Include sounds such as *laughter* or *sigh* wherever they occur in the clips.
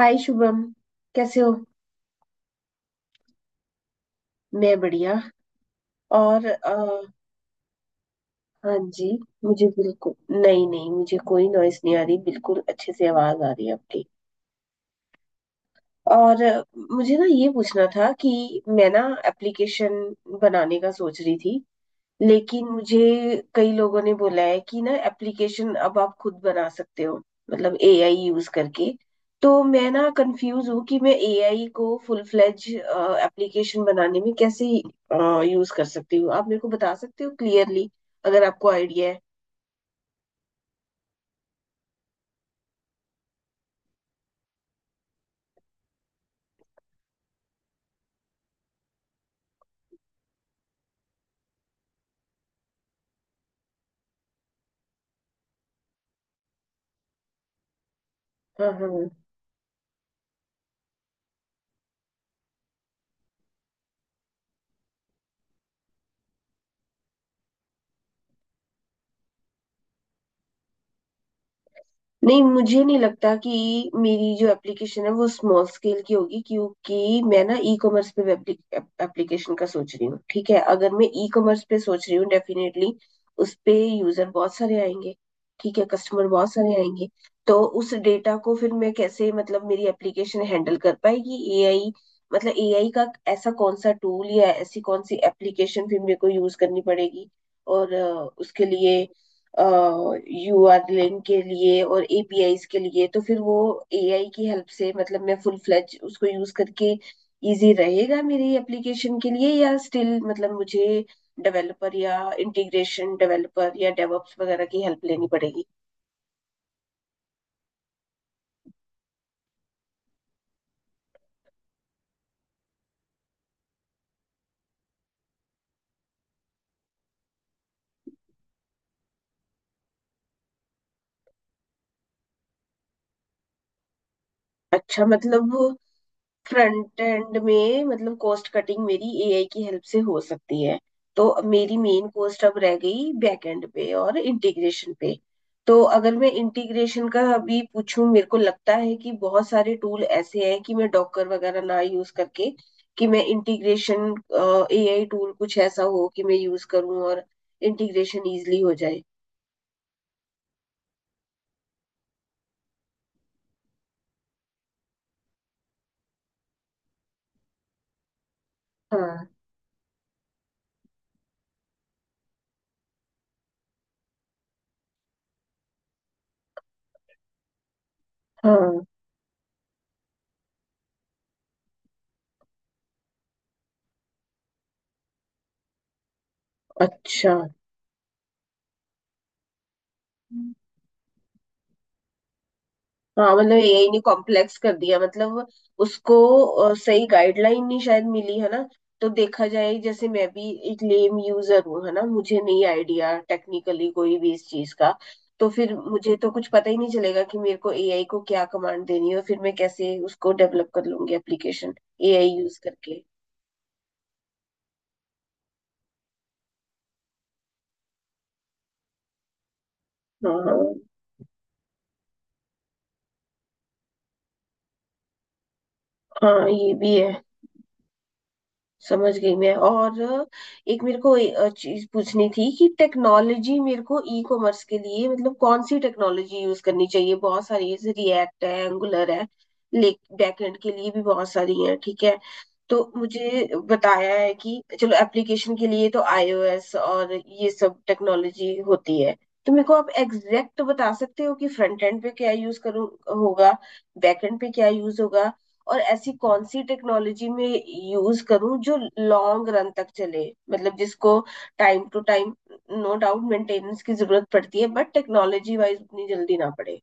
हाय शुभम, कैसे हो? मैं बढ़िया। और हाँ जी। मुझे बिल्कुल, नहीं नहीं, मुझे कोई नॉइस नहीं आ रही, बिल्कुल अच्छे से आवाज आ रही है आपकी। और मुझे ना ये पूछना था कि मैं ना एप्लीकेशन बनाने का सोच रही थी, लेकिन मुझे कई लोगों ने बोला है कि ना एप्लीकेशन अब आप खुद बना सकते हो, मतलब एआई यूज करके। तो मैं ना कंफ्यूज हूँ कि मैं एआई को फुल फ्लेज एप्लीकेशन बनाने में कैसे यूज कर सकती हूँ। आप मेरे को बता सकते हो क्लियरली, अगर आपको आइडिया है? हाँ हाँ। नहीं, मुझे नहीं लगता कि मेरी जो एप्लीकेशन है वो स्मॉल स्केल की होगी, क्योंकि मैं ना ई कॉमर्स पे एप्लीकेशन का सोच रही हूँ। ठीक है, अगर मैं ई कॉमर्स पे सोच रही हूँ, डेफिनेटली उस पे यूजर बहुत सारे आएंगे। ठीक है, कस्टमर बहुत सारे आएंगे। तो उस डेटा को फिर मैं कैसे, मतलब मेरी एप्लीकेशन हैंडल कर पाएगी एआई? मतलब एआई का ऐसा कौन सा टूल या ऐसी कौन सी एप्लीकेशन फिर मेरे को यूज करनी पड़ेगी? और उसके लिए यूआरएल के लिए और एपीआईज के लिए, तो फिर वो एआई की हेल्प से मतलब मैं फुल फ्लेज उसको यूज करके इजी रहेगा मेरी एप्लीकेशन के लिए, या स्टिल मतलब मुझे डेवलपर या इंटीग्रेशन डेवलपर या डेवऑप्स वगैरह की हेल्प लेनी पड़ेगी? अच्छा, मतलब फ्रंट एंड में मतलब कॉस्ट कटिंग मेरी एआई की हेल्प से हो सकती है। तो मेरी मेन कॉस्ट अब रह गई बैक एंड पे और इंटीग्रेशन पे। तो अगर मैं इंटीग्रेशन का अभी पूछूं, मेरे को लगता है कि बहुत सारे टूल ऐसे हैं कि मैं डॉकर वगैरह ना यूज करके, कि मैं इंटीग्रेशन एआई टूल कुछ ऐसा हो कि मैं यूज करूं और इंटीग्रेशन इजीली हो जाए। हाँ हाँ। अच्छा। हाँ, मतलब एआई ने कॉम्प्लेक्स कर दिया, मतलब उसको सही गाइडलाइन नहीं शायद मिली है ना। तो देखा जाए, जैसे मैं भी एक लेम यूजर हूँ है ना, मुझे नहीं आइडिया टेक्निकली कोई भी इस चीज का, तो फिर मुझे तो कुछ पता ही नहीं चलेगा कि मेरे को एआई को क्या कमांड देनी है, और फिर मैं कैसे उसको डेवलप कर लूंगी एप्लीकेशन एआई यूज करके। हाँ हाँ। हाँ, ये भी है। समझ गई मैं। और एक मेरे को चीज पूछनी थी कि टेक्नोलॉजी मेरे को ई कॉमर्स के लिए मतलब कौन सी टेक्नोलॉजी यूज करनी चाहिए? बहुत सारी है, जैसे रिएक्ट है, एंगुलर है, ले बैकएंड के लिए भी बहुत सारी है, ठीक है। तो मुझे बताया है कि चलो, एप्लीकेशन के लिए तो आईओएस और ये सब टेक्नोलॉजी होती है। तो मेरे को आप एग्जैक्ट बता सकते हो कि फ्रंट एंड पे क्या यूज करूँ होगा, बैक एंड पे क्या यूज होगा, और ऐसी कौन सी टेक्नोलॉजी में यूज करूं जो लॉन्ग रन तक चले, मतलब जिसको time to time no doubt maintenance की जरूरत पड़ती है, बट टेक्नोलॉजी वाइज उतनी जल्दी ना पड़े?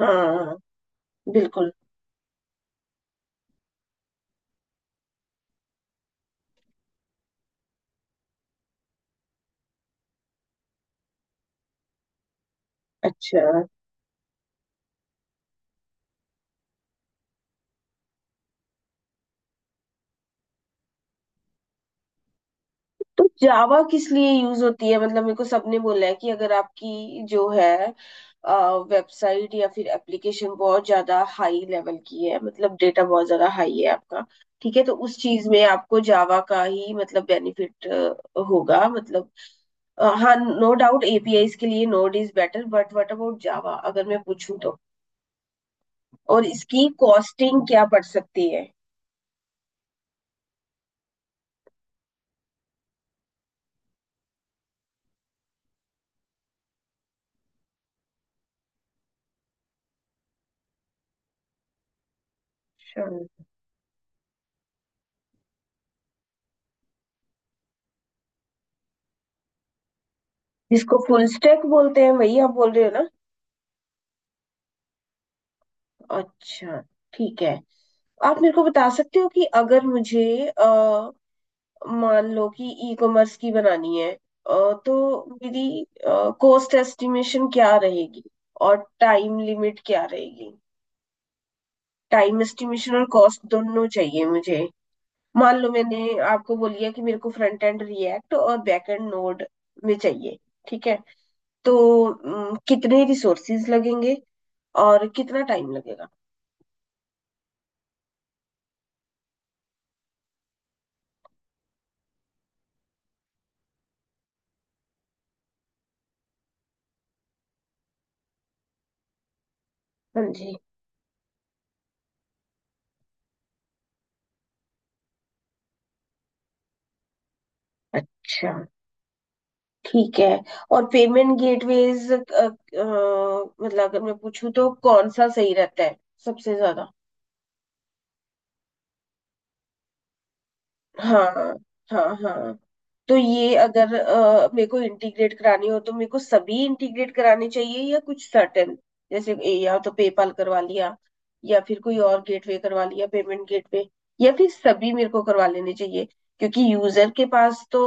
हाँ, बिल्कुल। अच्छा, तो जावा किस लिए यूज होती है? मतलब मेरे को सबने बोला है कि अगर आपकी जो है वेबसाइट या फिर एप्लीकेशन बहुत ज्यादा हाई लेवल की है, मतलब डेटा बहुत ज्यादा हाई है आपका, ठीक है, तो उस चीज में आपको जावा का ही मतलब बेनिफिट होगा मतलब हाँ। नो डाउट एपीआईज के लिए node is better, but what about Java अगर मैं पूछूं तो, और इसकी कॉस्टिंग क्या पड़ सकती है? Sure. जिसको फुल स्टैक बोलते हैं, वही आप बोल रहे हो ना? अच्छा, ठीक है। आप मेरे को बता सकते हो कि अगर मुझे मान लो कि ई कॉमर्स की बनानी है, तो मेरी कॉस्ट एस्टिमेशन क्या रहेगी और टाइम लिमिट क्या रहेगी? टाइम एस्टिमेशन और कॉस्ट दोनों चाहिए मुझे। मान लो मैंने आपको बोल दिया कि मेरे को फ्रंट एंड रिएक्ट और बैक एंड नोड में चाहिए, ठीक है, तो कितने रिसोर्सेज लगेंगे और कितना टाइम लगेगा? हाँ जी। अच्छा, ठीक है। और पेमेंट गेटवेज, मतलब अगर मैं पूछूं तो कौन सा सही रहता है सबसे ज्यादा? हाँ। हाँ हाँ। तो ये अगर मेरे को इंटीग्रेट करानी हो तो मेरे को सभी इंटीग्रेट कराने चाहिए या कुछ सर्टेन, जैसे या तो पेपाल करवा लिया या फिर कोई और गेटवे करवा लिया पेमेंट गेटवे, या फिर सभी मेरे को करवा लेने चाहिए? क्योंकि यूजर के पास तो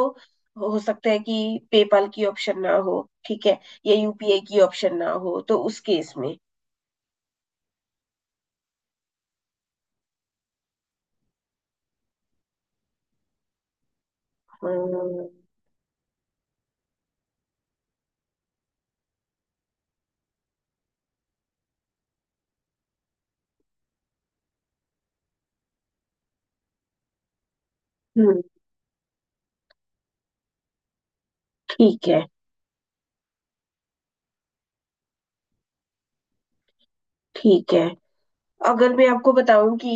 हो सकता है कि पेपाल की ऑप्शन ना हो, ठीक है, या यूपीआई की ऑप्शन ना हो, तो उस केस में। हम्म। हम्म, ठीक है। ठीक है, अगर मैं आपको बताऊं कि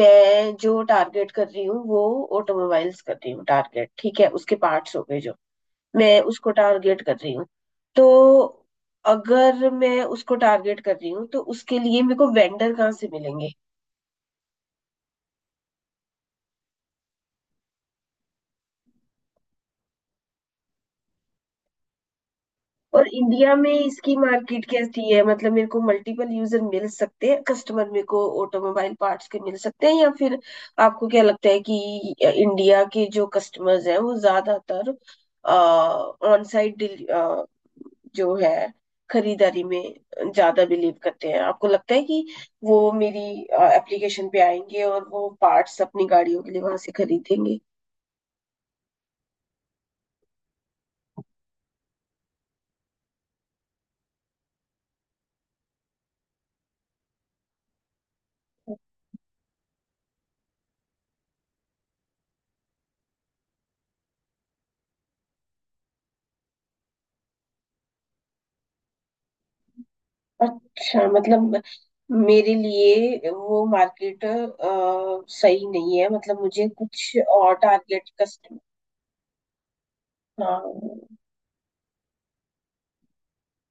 मैं जो टारगेट कर रही हूँ वो ऑटोमोबाइल्स कर रही हूँ टारगेट, ठीक है, उसके पार्ट्स हो गए जो मैं उसको टारगेट कर रही हूँ। तो अगर मैं उसको टारगेट कर रही हूँ तो उसके लिए मेरे को वेंडर कहाँ से मिलेंगे? और इंडिया में इसकी मार्केट कैसी है? मतलब मेरे को मल्टीपल यूजर मिल सकते हैं, कस्टमर मेरे को ऑटोमोबाइल पार्ट्स के मिल सकते हैं, या फिर आपको क्या लगता है कि इंडिया के जो कस्टमर्स हैं वो ज्यादातर ऑन साइट जो है खरीदारी में ज्यादा बिलीव करते हैं? आपको लगता है कि वो मेरी एप्लीकेशन पे आएंगे और वो पार्ट्स अपनी गाड़ियों के लिए वहां से खरीदेंगे? अच्छा, मतलब मेरे लिए वो मार्केट सही नहीं है, मतलब मुझे कुछ और टारगेट कस्ट। हाँ,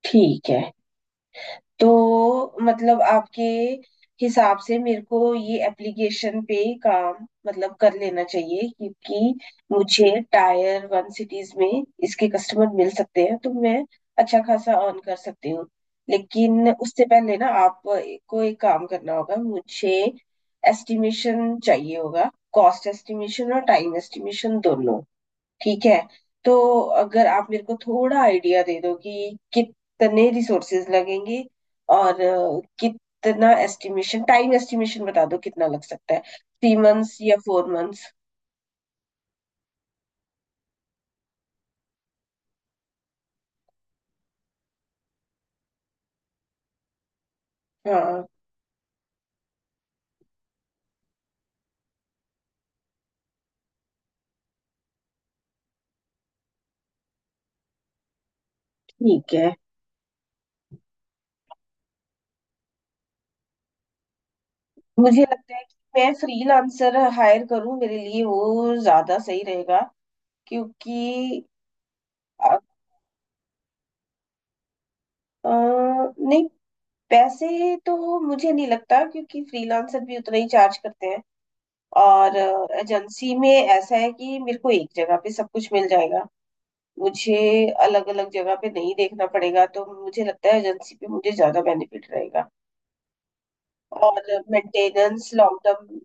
ठीक है। तो मतलब आपके हिसाब से मेरे को ये एप्लीकेशन पे काम मतलब कर लेना चाहिए, क्योंकि मुझे टायर वन सिटीज में इसके कस्टमर मिल सकते हैं, तो मैं अच्छा खासा अर्न कर सकती हूँ। लेकिन उससे पहले ना आपको एक काम करना होगा, मुझे एस्टिमेशन चाहिए होगा, कॉस्ट एस्टिमेशन और टाइम एस्टिमेशन दोनों। ठीक है, तो अगर आप मेरे को थोड़ा आइडिया दे दो कि कितने रिसोर्सेज लगेंगे और कितना एस्टिमेशन, टाइम एस्टिमेशन बता दो कितना लग सकता है, थ्री मंथ्स या फोर मंथ्स? हाँ, ठीक है। मुझे लगता है कि मैं फ्रीलांसर हायर करूं, मेरे लिए वो ज्यादा सही रहेगा, क्योंकि अ, नहीं, पैसे तो मुझे नहीं लगता, क्योंकि फ्रीलांसर भी उतना ही चार्ज करते हैं। और एजेंसी में ऐसा है कि मेरे को एक जगह पे सब कुछ मिल जाएगा, मुझे अलग अलग जगह पे नहीं देखना पड़ेगा, तो मुझे लगता है एजेंसी पे मुझे ज्यादा बेनिफिट रहेगा। और मेंटेनेंस लॉन्ग टर्म।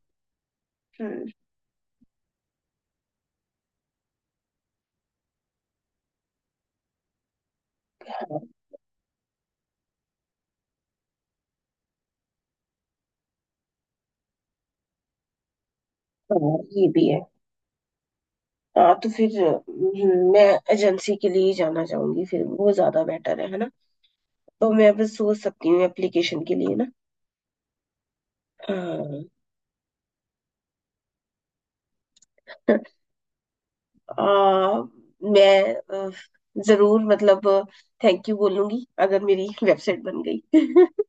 हाँ। हाँ, ये भी है। हाँ, तो फिर मैं एजेंसी के लिए ही जाना चाहूंगी, फिर वो ज्यादा बेटर है ना? तो मैं बस सोच सकती हूँ एप्लीकेशन के लिए ना। हाँ। आ, मैं अ, जरूर, मतलब थैंक यू बोलूंगी अगर मेरी वेबसाइट बन गई। *laughs*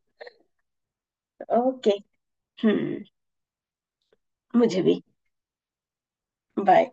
ओके। हम्म। मुझे भी। बाय।